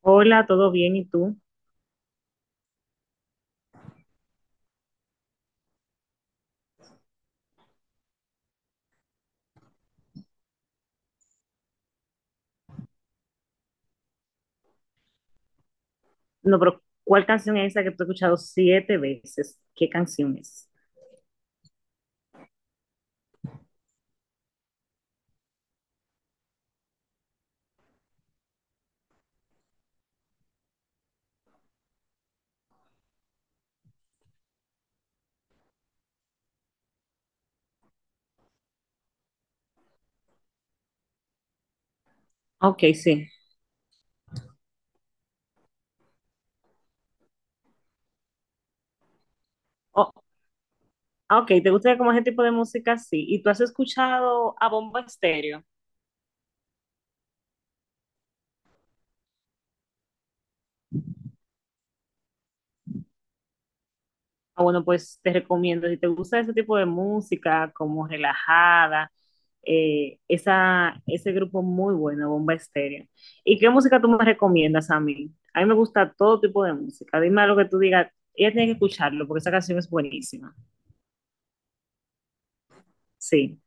Hola, ¿todo bien? ¿Y tú? No, pero ¿cuál canción es esa que tú has escuchado siete veces? ¿Qué canción es? Ok, sí. Oh, ah, ok, ¿te gusta como ese tipo de música? Sí. ¿Y tú has escuchado a Bombo Estéreo? Ah, bueno, pues te recomiendo, si te gusta ese tipo de música, como relajada, ese grupo muy bueno, Bomba Estéreo. ¿Y qué música tú me recomiendas a mí? A mí me gusta todo tipo de música. Dime algo que tú digas, ella tiene que escucharlo porque esa canción es buenísima. Sí.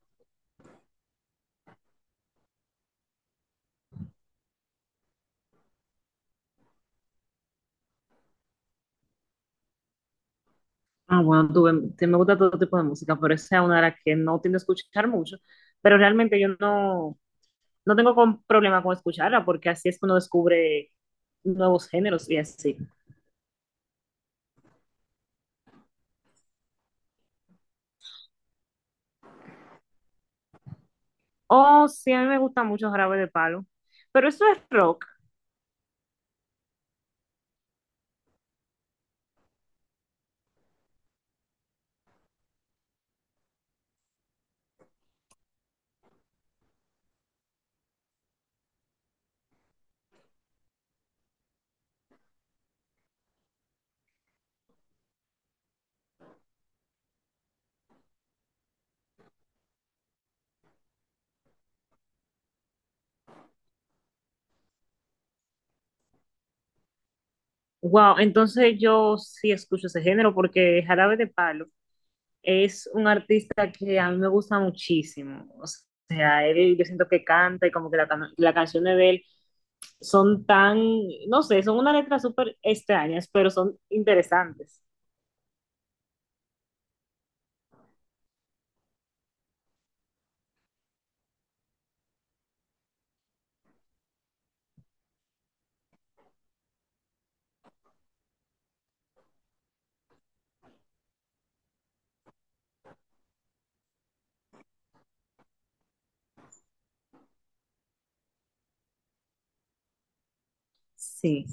Ah, bueno, me gusta todo tipo de música, pero esa es una de las que no tiendo a escuchar mucho, pero realmente yo no, no tengo problema con escucharla porque así es que uno descubre nuevos géneros y así. Oh, sí, a mí me gusta mucho Jarabe de Palo, pero eso es rock. Wow, entonces yo sí escucho ese género porque Jarabe de Palo es un artista que a mí me gusta muchísimo. O sea, él, yo siento que canta y como que las canciones de él son tan, no sé, son unas letras súper extrañas, pero son interesantes. Sí.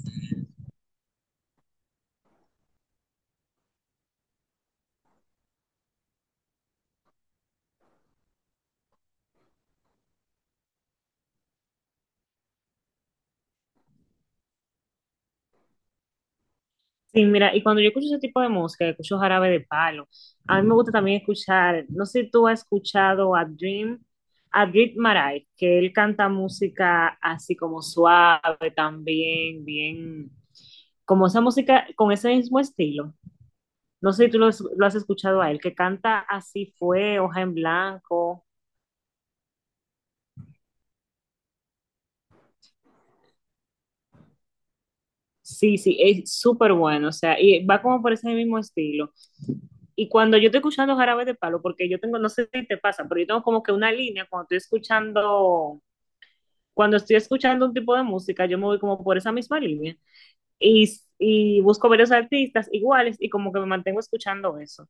Sí, mira, y cuando yo escucho ese tipo de música, escucho Jarabe de Palo. A mí me gusta también escuchar, no sé si tú has escuchado a Dream Maray, que él canta música así como suave también, bien, como esa música con ese mismo estilo. No sé si lo has escuchado a él, que canta así fue, hoja en blanco. Sí, sí, es súper bueno, o sea, y va como por ese mismo estilo. Y cuando yo estoy escuchando Jarabe de Palo, porque yo tengo, no sé si te pasa, pero yo tengo como que una línea cuando estoy escuchando un tipo de música, yo me voy como por esa misma línea y, y busco varios artistas iguales y como que me mantengo escuchando eso.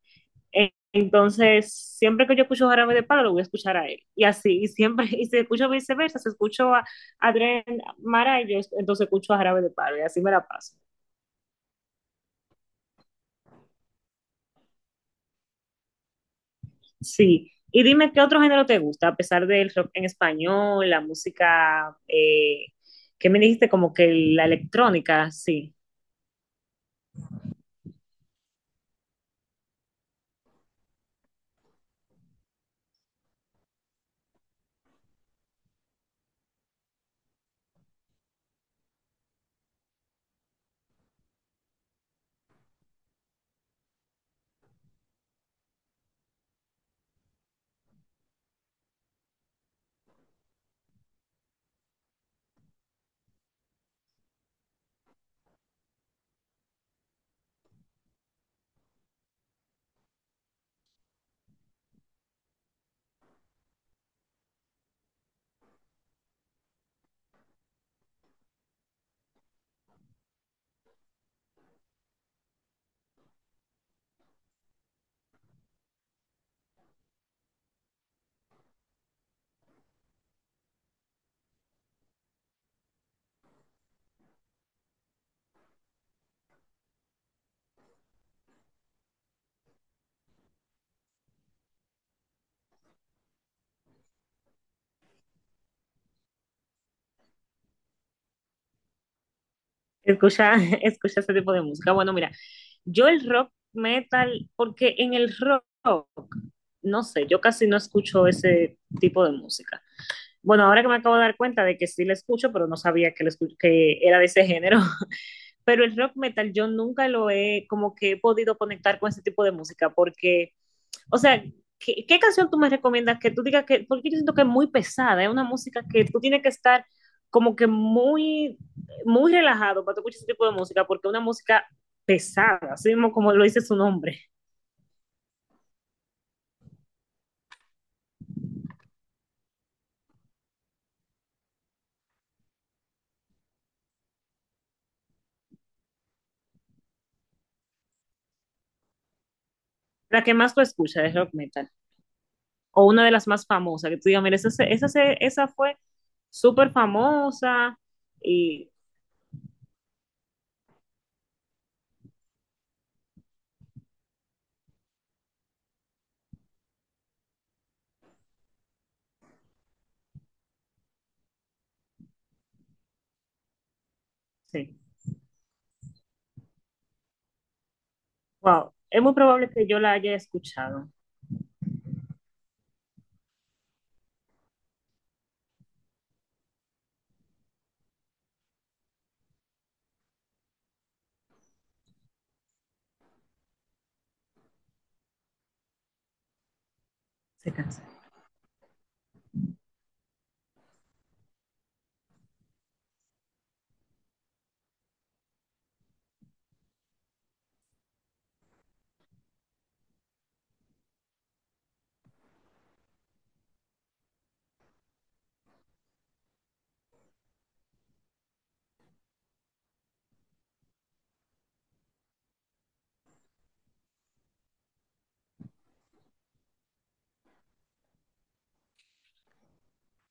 Entonces, siempre que yo escucho Jarabe de Palo, lo voy a escuchar a él. Y así, y siempre, y si escucho viceversa, si escucho a Adrián Mara, yo entonces escucho a Jarabe de Palo y así me la paso. Sí, y dime qué otro género te gusta, a pesar del rock en español, la música, ¿qué me dijiste? Como que la electrónica, sí. Escucha, escucha ese tipo de música. Bueno, mira, yo el rock metal, porque en el rock, no sé, yo casi no escucho ese tipo de música. Bueno, ahora que me acabo de dar cuenta de que sí la escucho, pero no sabía que, la que era de ese género. Pero el rock metal yo nunca lo he como que he podido conectar con ese tipo de música porque, o sea, ¿qué canción tú me recomiendas que tú digas que, porque yo siento que es muy pesada, es una música que tú tienes que estar como que muy, muy relajado para tú escuchar ese tipo de música, porque es una música pesada, así mismo como lo dice su nombre, la que más tú escuchas es rock metal, o una de las más famosas, que tú digas, mira, esa fue súper famosa y sí. Wow, es muy probable que yo la haya escuchado. Se cansa.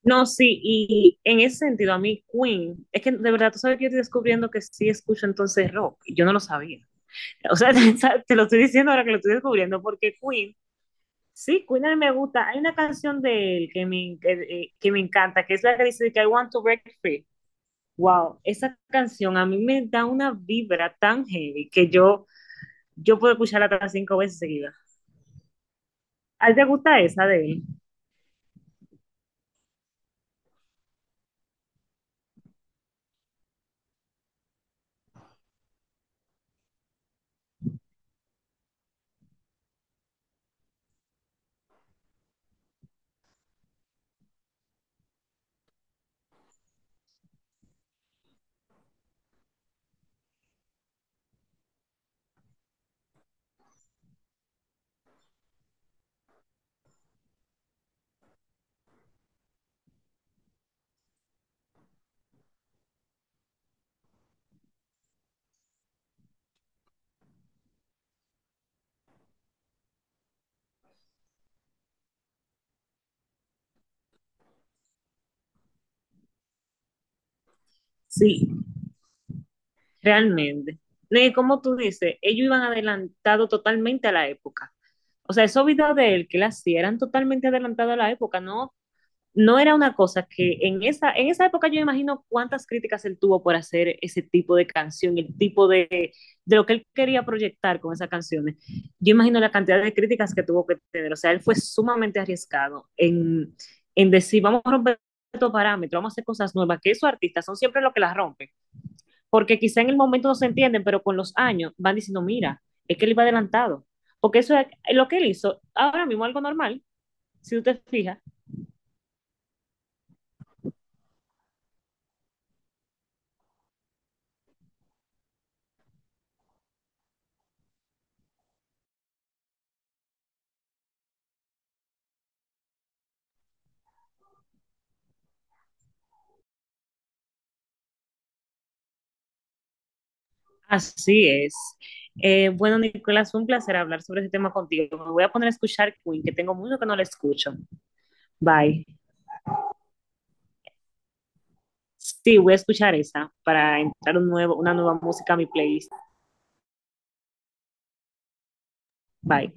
No, sí, y en ese sentido, a mí Queen, es que de verdad tú sabes que yo estoy descubriendo que sí escucho entonces rock, y yo no lo sabía. O sea, te lo estoy diciendo ahora que lo estoy descubriendo, porque Queen, sí, Queen a mí me gusta. Hay una canción de él que me encanta, que es la que dice que I want to break free. Wow, esa canción a mí me da una vibra tan heavy que yo puedo escucharla hasta cinco veces seguidas. ¿A ti te gusta esa de él? Sí, realmente. No, y como tú dices, ellos iban adelantados totalmente a la época. O sea, esos videos de él que él hacía eran totalmente adelantados a la época, ¿no? No era una cosa que en esa época yo imagino cuántas críticas él tuvo por hacer ese tipo de canción, el tipo de lo que él quería proyectar con esas canciones. Yo imagino la cantidad de críticas que tuvo que tener. O sea, él fue sumamente arriesgado en decir, vamos a romper estos parámetros, vamos a hacer cosas nuevas, que esos artistas son siempre los que las rompen porque quizá en el momento no se entienden, pero con los años van diciendo, mira, es que él iba adelantado, porque eso es lo que él hizo, ahora mismo algo normal, si tú te fijas. Así es. Bueno, Nicolás, fue un placer hablar sobre este tema contigo. Me voy a poner a escuchar Queen, que tengo mucho que no la escucho. Bye. Sí, voy a escuchar esa para entrar un nuevo, una nueva música a mi playlist. Bye.